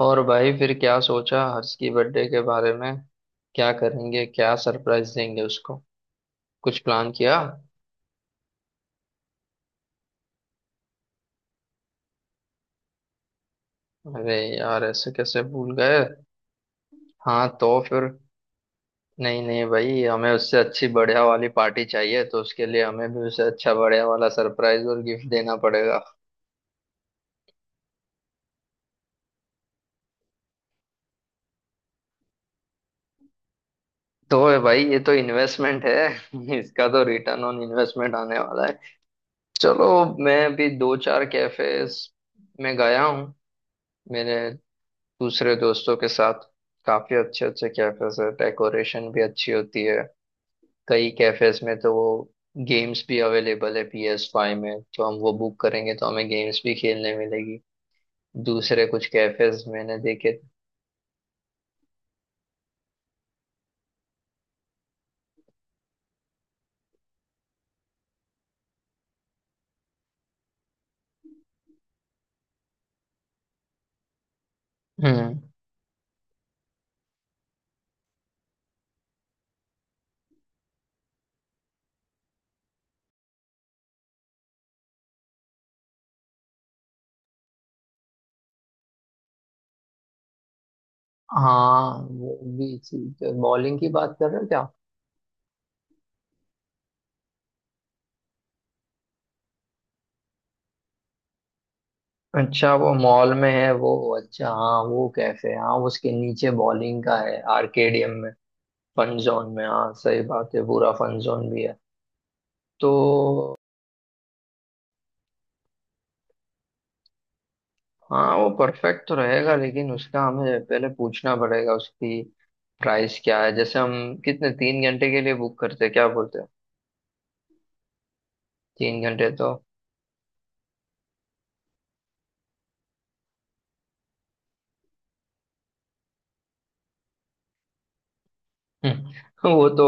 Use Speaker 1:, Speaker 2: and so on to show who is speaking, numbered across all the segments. Speaker 1: और भाई फिर क्या सोचा हर्ष की बर्थडे के बारे में। क्या करेंगे, क्या सरप्राइज देंगे उसको, कुछ प्लान किया? अरे यार ऐसे कैसे भूल गए। हाँ तो फिर, नहीं नहीं भाई हमें उससे अच्छी बढ़िया वाली पार्टी चाहिए तो उसके लिए हमें भी उसे अच्छा बढ़िया वाला सरप्राइज और गिफ्ट देना पड़ेगा। तो भाई ये तो इन्वेस्टमेंट है। इसका तो रिटर्न ऑन इन्वेस्टमेंट आने वाला है। चलो, मैं भी दो चार कैफेज में गया हूँ मेरे दूसरे दोस्तों के साथ। काफी अच्छे अच्छे कैफेज है, डेकोरेशन भी अच्छी होती है। कई कैफेज में तो वो गेम्स भी अवेलेबल है, PS5 में तो हम वो बुक करेंगे तो हमें गेम्स भी खेलने मिलेगी। दूसरे कुछ कैफेज मैंने देखे। हम्म। हाँ वो भी चीज है, बॉलिंग की बात कर रहे हो क्या? अच्छा वो मॉल में है वो, अच्छा हाँ वो कैफे, हाँ उसके नीचे बॉलिंग का है आर्केडियम में। फन जोन में, हाँ सही बात है, पूरा फन जोन भी है। तो, हाँ वो परफेक्ट तो रहेगा लेकिन उसका हमें पहले पूछना पड़ेगा, उसकी प्राइस क्या है, जैसे हम कितने, 3 घंटे के लिए बुक करते हैं, क्या बोलते हैं। 3 घंटे तो, हम्म, वो तो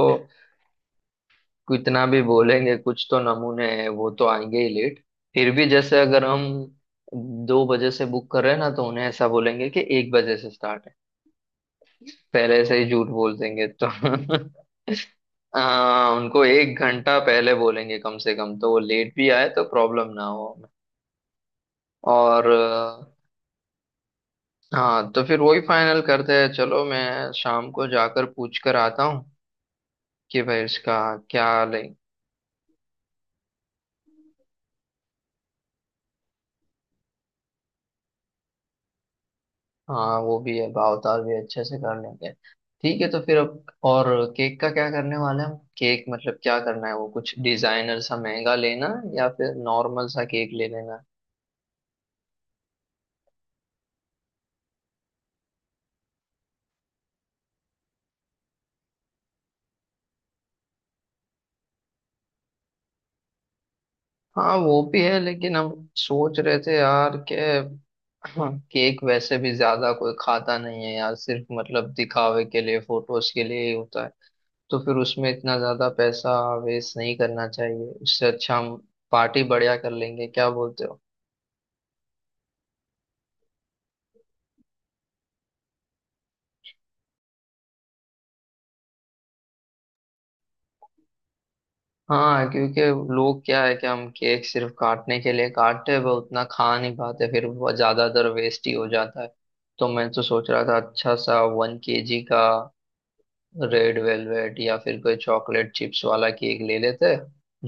Speaker 1: कितना भी बोलेंगे, कुछ तो नमूने हैं वो तो आएंगे ही लेट। फिर भी जैसे अगर हम 2 बजे से बुक कर रहे हैं ना तो उन्हें ऐसा बोलेंगे कि 1 बजे से स्टार्ट है, पहले से ही झूठ बोल देंगे तो। उनको 1 घंटा पहले बोलेंगे कम से कम तो वो लेट भी आए तो प्रॉब्लम ना हो। और हाँ तो फिर वही फाइनल करते हैं, चलो मैं शाम को जाकर पूछ कर आता हूँ कि भाई इसका क्या ले। हाँ वो भी है, भाव ताल भी अच्छे से कर लेंगे। ठीक है तो फिर अब और केक का क्या करने वाले हैं हम? केक मतलब क्या करना है, वो कुछ डिजाइनर सा महंगा लेना है या फिर नॉर्मल सा केक ले लेना है? हाँ वो भी है लेकिन हम सोच रहे थे यार के केक वैसे भी ज्यादा कोई खाता नहीं है यार, सिर्फ मतलब दिखावे के लिए, फोटोज के लिए ही होता है, तो फिर उसमें इतना ज्यादा पैसा वेस्ट नहीं करना चाहिए, उससे अच्छा हम पार्टी बढ़िया कर लेंगे, क्या बोलते हो? हाँ क्योंकि लोग क्या है कि हम केक सिर्फ काटने के लिए काटते हैं, वो उतना खा नहीं पाते फिर वो ज्यादातर वेस्ट ही हो जाता है। तो मैं तो सोच रहा था अच्छा सा 1 KG का रेड वेलवेट या फिर कोई चॉकलेट चिप्स वाला केक ले लेते हैं,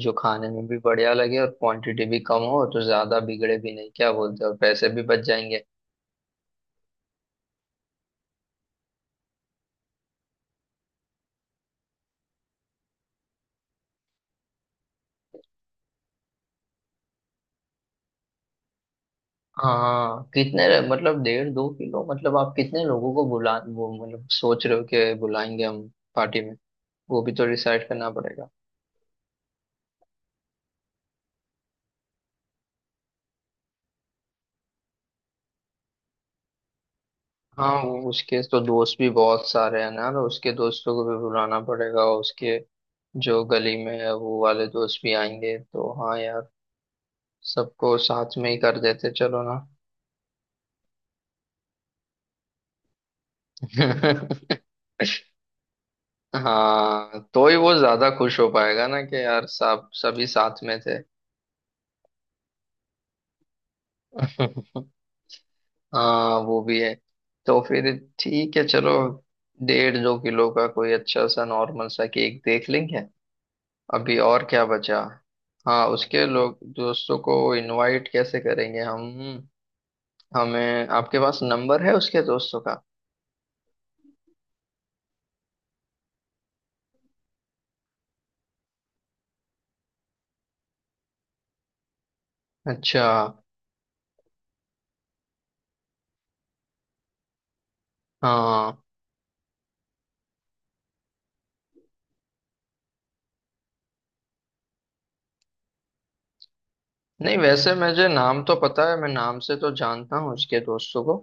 Speaker 1: जो खाने में भी बढ़िया लगे और क्वांटिटी भी कम हो तो ज्यादा बिगड़े भी नहीं, क्या बोलते हो? और पैसे भी बच जाएंगे। हाँ मतलब डेढ़ दो किलो, मतलब आप कितने लोगों को बुला, वो मतलब सोच रहे हो कि बुलाएंगे हम पार्टी में? वो भी तो डिसाइड करना पड़ेगा। हाँ वो उसके तो दोस्त भी बहुत सारे हैं ना तो उसके दोस्तों को भी बुलाना पड़ेगा, और उसके जो गली में है वो वाले दोस्त भी आएंगे, तो हाँ यार सबको साथ में ही कर देते चलो ना। हाँ तो ही वो ज्यादा खुश हो पाएगा ना कि यार सब, सभी साथ में थे। हाँ वो भी है। तो फिर ठीक है चलो, डेढ़ दो किलो का कोई अच्छा सा नॉर्मल सा केक देख लेंगे। अभी और क्या बचा? हाँ उसके लोग दोस्तों को इनवाइट कैसे करेंगे हम, हमें, आपके पास नंबर है उसके दोस्तों का? अच्छा। हाँ नहीं वैसे मुझे नाम तो पता है, मैं नाम से तो जानता हूँ उसके दोस्तों को।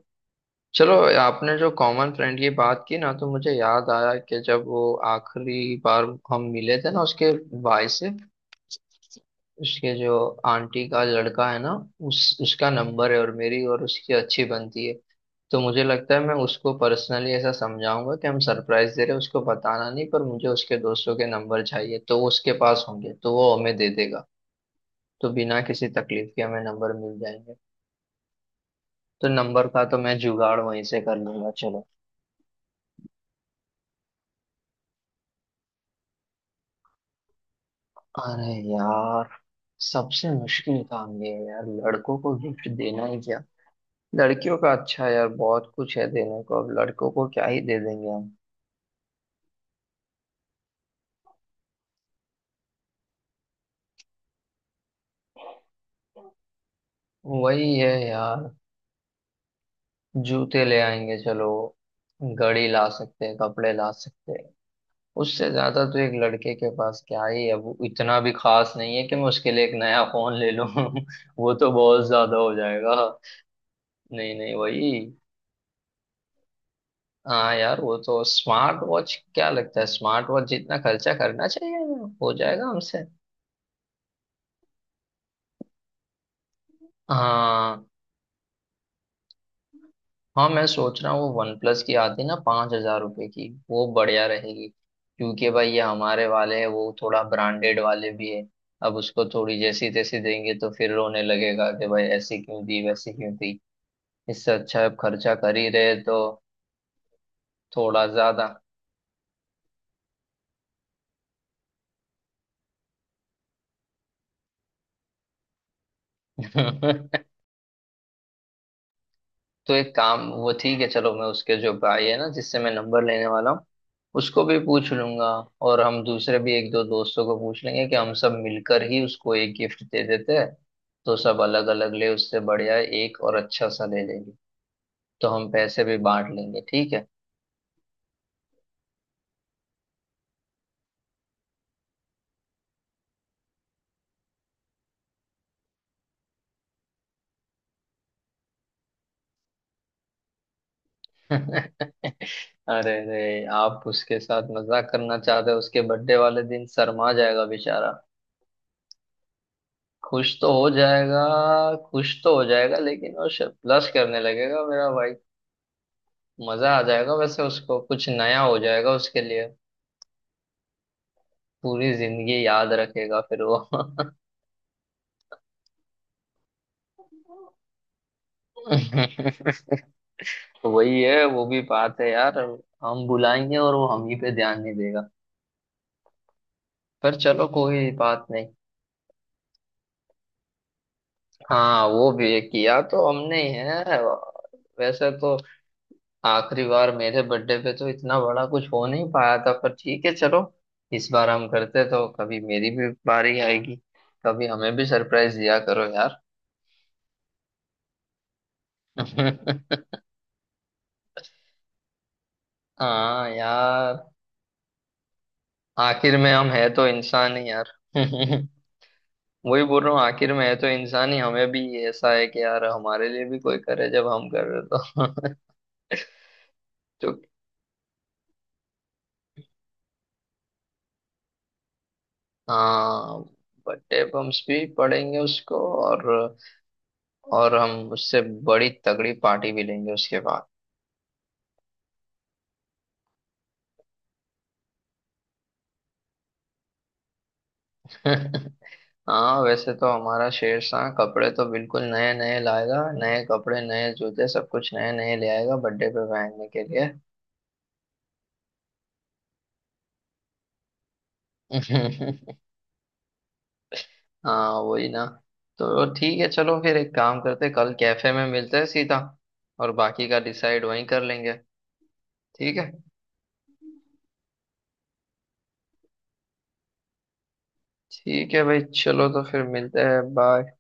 Speaker 1: चलो, आपने जो कॉमन फ्रेंड की बात की ना तो मुझे याद आया कि जब वो आखिरी बार हम मिले थे ना उसके भाई से, उसके जो आंटी का लड़का है ना, उस उसका नंबर है और मेरी और उसकी अच्छी बनती है। तो मुझे लगता है मैं उसको पर्सनली ऐसा समझाऊंगा कि हम सरप्राइज दे रहे हैं, उसको बताना नहीं पर मुझे उसके दोस्तों के नंबर चाहिए, तो वो उसके पास होंगे तो वो हमें दे देगा, तो बिना किसी तकलीफ के हमें नंबर मिल जाएंगे। तो नंबर का तो मैं जुगाड़ वहीं से कर लूंगा चलो। अरे यार सबसे मुश्किल काम ये है यार, लड़कों को गिफ्ट देना ही क्या! लड़कियों का अच्छा है यार, बहुत कुछ है देने को, अब लड़कों को क्या ही दे देंगे हम। वही है यार, जूते ले आएंगे चलो, घड़ी ला सकते हैं, कपड़े ला सकते हैं, उससे ज्यादा तो एक लड़के के पास क्या ही है। वो इतना भी खास नहीं है कि मैं उसके लिए एक नया फोन ले लूं। वो तो बहुत ज्यादा हो जाएगा। नहीं नहीं वही, हाँ यार वो तो स्मार्ट वॉच, क्या लगता है? स्मार्ट वॉच जितना खर्चा करना चाहिए वो हो जाएगा हमसे। हाँ। हाँ मैं सोच रहा हूँ वो वन प्लस की आती ना 5,000 रुपये की, वो बढ़िया रहेगी, क्योंकि भाई ये हमारे वाले हैं वो थोड़ा ब्रांडेड वाले भी है, अब उसको थोड़ी जैसी तैसी देंगे तो फिर रोने लगेगा कि भाई ऐसी क्यों दी, वैसी क्यों दी। इससे अच्छा है, अब खर्चा कर ही रहे तो थोड़ा ज्यादा। तो एक काम, वो ठीक है चलो, मैं उसके जो भाई है ना जिससे मैं नंबर लेने वाला हूँ उसको भी पूछ लूंगा, और हम दूसरे भी एक दो दोस्तों को पूछ लेंगे कि हम सब मिलकर ही उसको एक गिफ्ट दे देते हैं, तो सब अलग अलग ले उससे बढ़िया एक और अच्छा सा ले लेंगे, तो हम पैसे भी बांट लेंगे। ठीक है। अरे अरे आप उसके साथ मजाक करना चाहते हो, उसके बर्थडे वाले दिन शर्मा जाएगा बेचारा! खुश तो हो जाएगा, खुश तो हो जाएगा लेकिन वो ब्लश करने लगेगा मेरा भाई। मजा आ जाएगा वैसे, उसको कुछ नया हो जाएगा उसके लिए। पूरी जिंदगी याद रखेगा फिर वो। वही है, वो भी बात है यार, हम बुलाएंगे और वो हम ही पे ध्यान नहीं देगा, पर चलो कोई बात नहीं। हाँ वो भी किया तो हमने ही है वैसे तो। आखिरी बार मेरे बर्थडे पे तो इतना बड़ा कुछ हो नहीं पाया था पर ठीक है चलो, इस बार हम करते तो कभी मेरी भी बारी आएगी, कभी हमें भी सरप्राइज दिया करो यार। हाँ यार, आखिर में हम है तो इंसान ही यार। वही बोल रहा हूँ, आखिर में है तो इंसान ही, हमें भी ऐसा है कि यार हमारे लिए भी कोई करे जब हम कर रहे तो। तो हाँ, बर्थडे बम्स भी पड़ेंगे उसको, और और हम उससे बड़ी तगड़ी पार्टी भी लेंगे उसके बाद। हाँ वैसे तो हमारा शेरशाह कपड़े तो बिल्कुल नए नए लाएगा, नए कपड़े, नए जूते, सब कुछ नए नए ले आएगा बर्थडे पे पहनने के लिए। हाँ वही ना। तो ठीक है चलो फिर एक काम करते हैं, कल कैफे में मिलते हैं सीधा, और बाकी का डिसाइड वहीं कर लेंगे, ठीक है। ठीक है भाई चलो तो फिर मिलते हैं, बाय।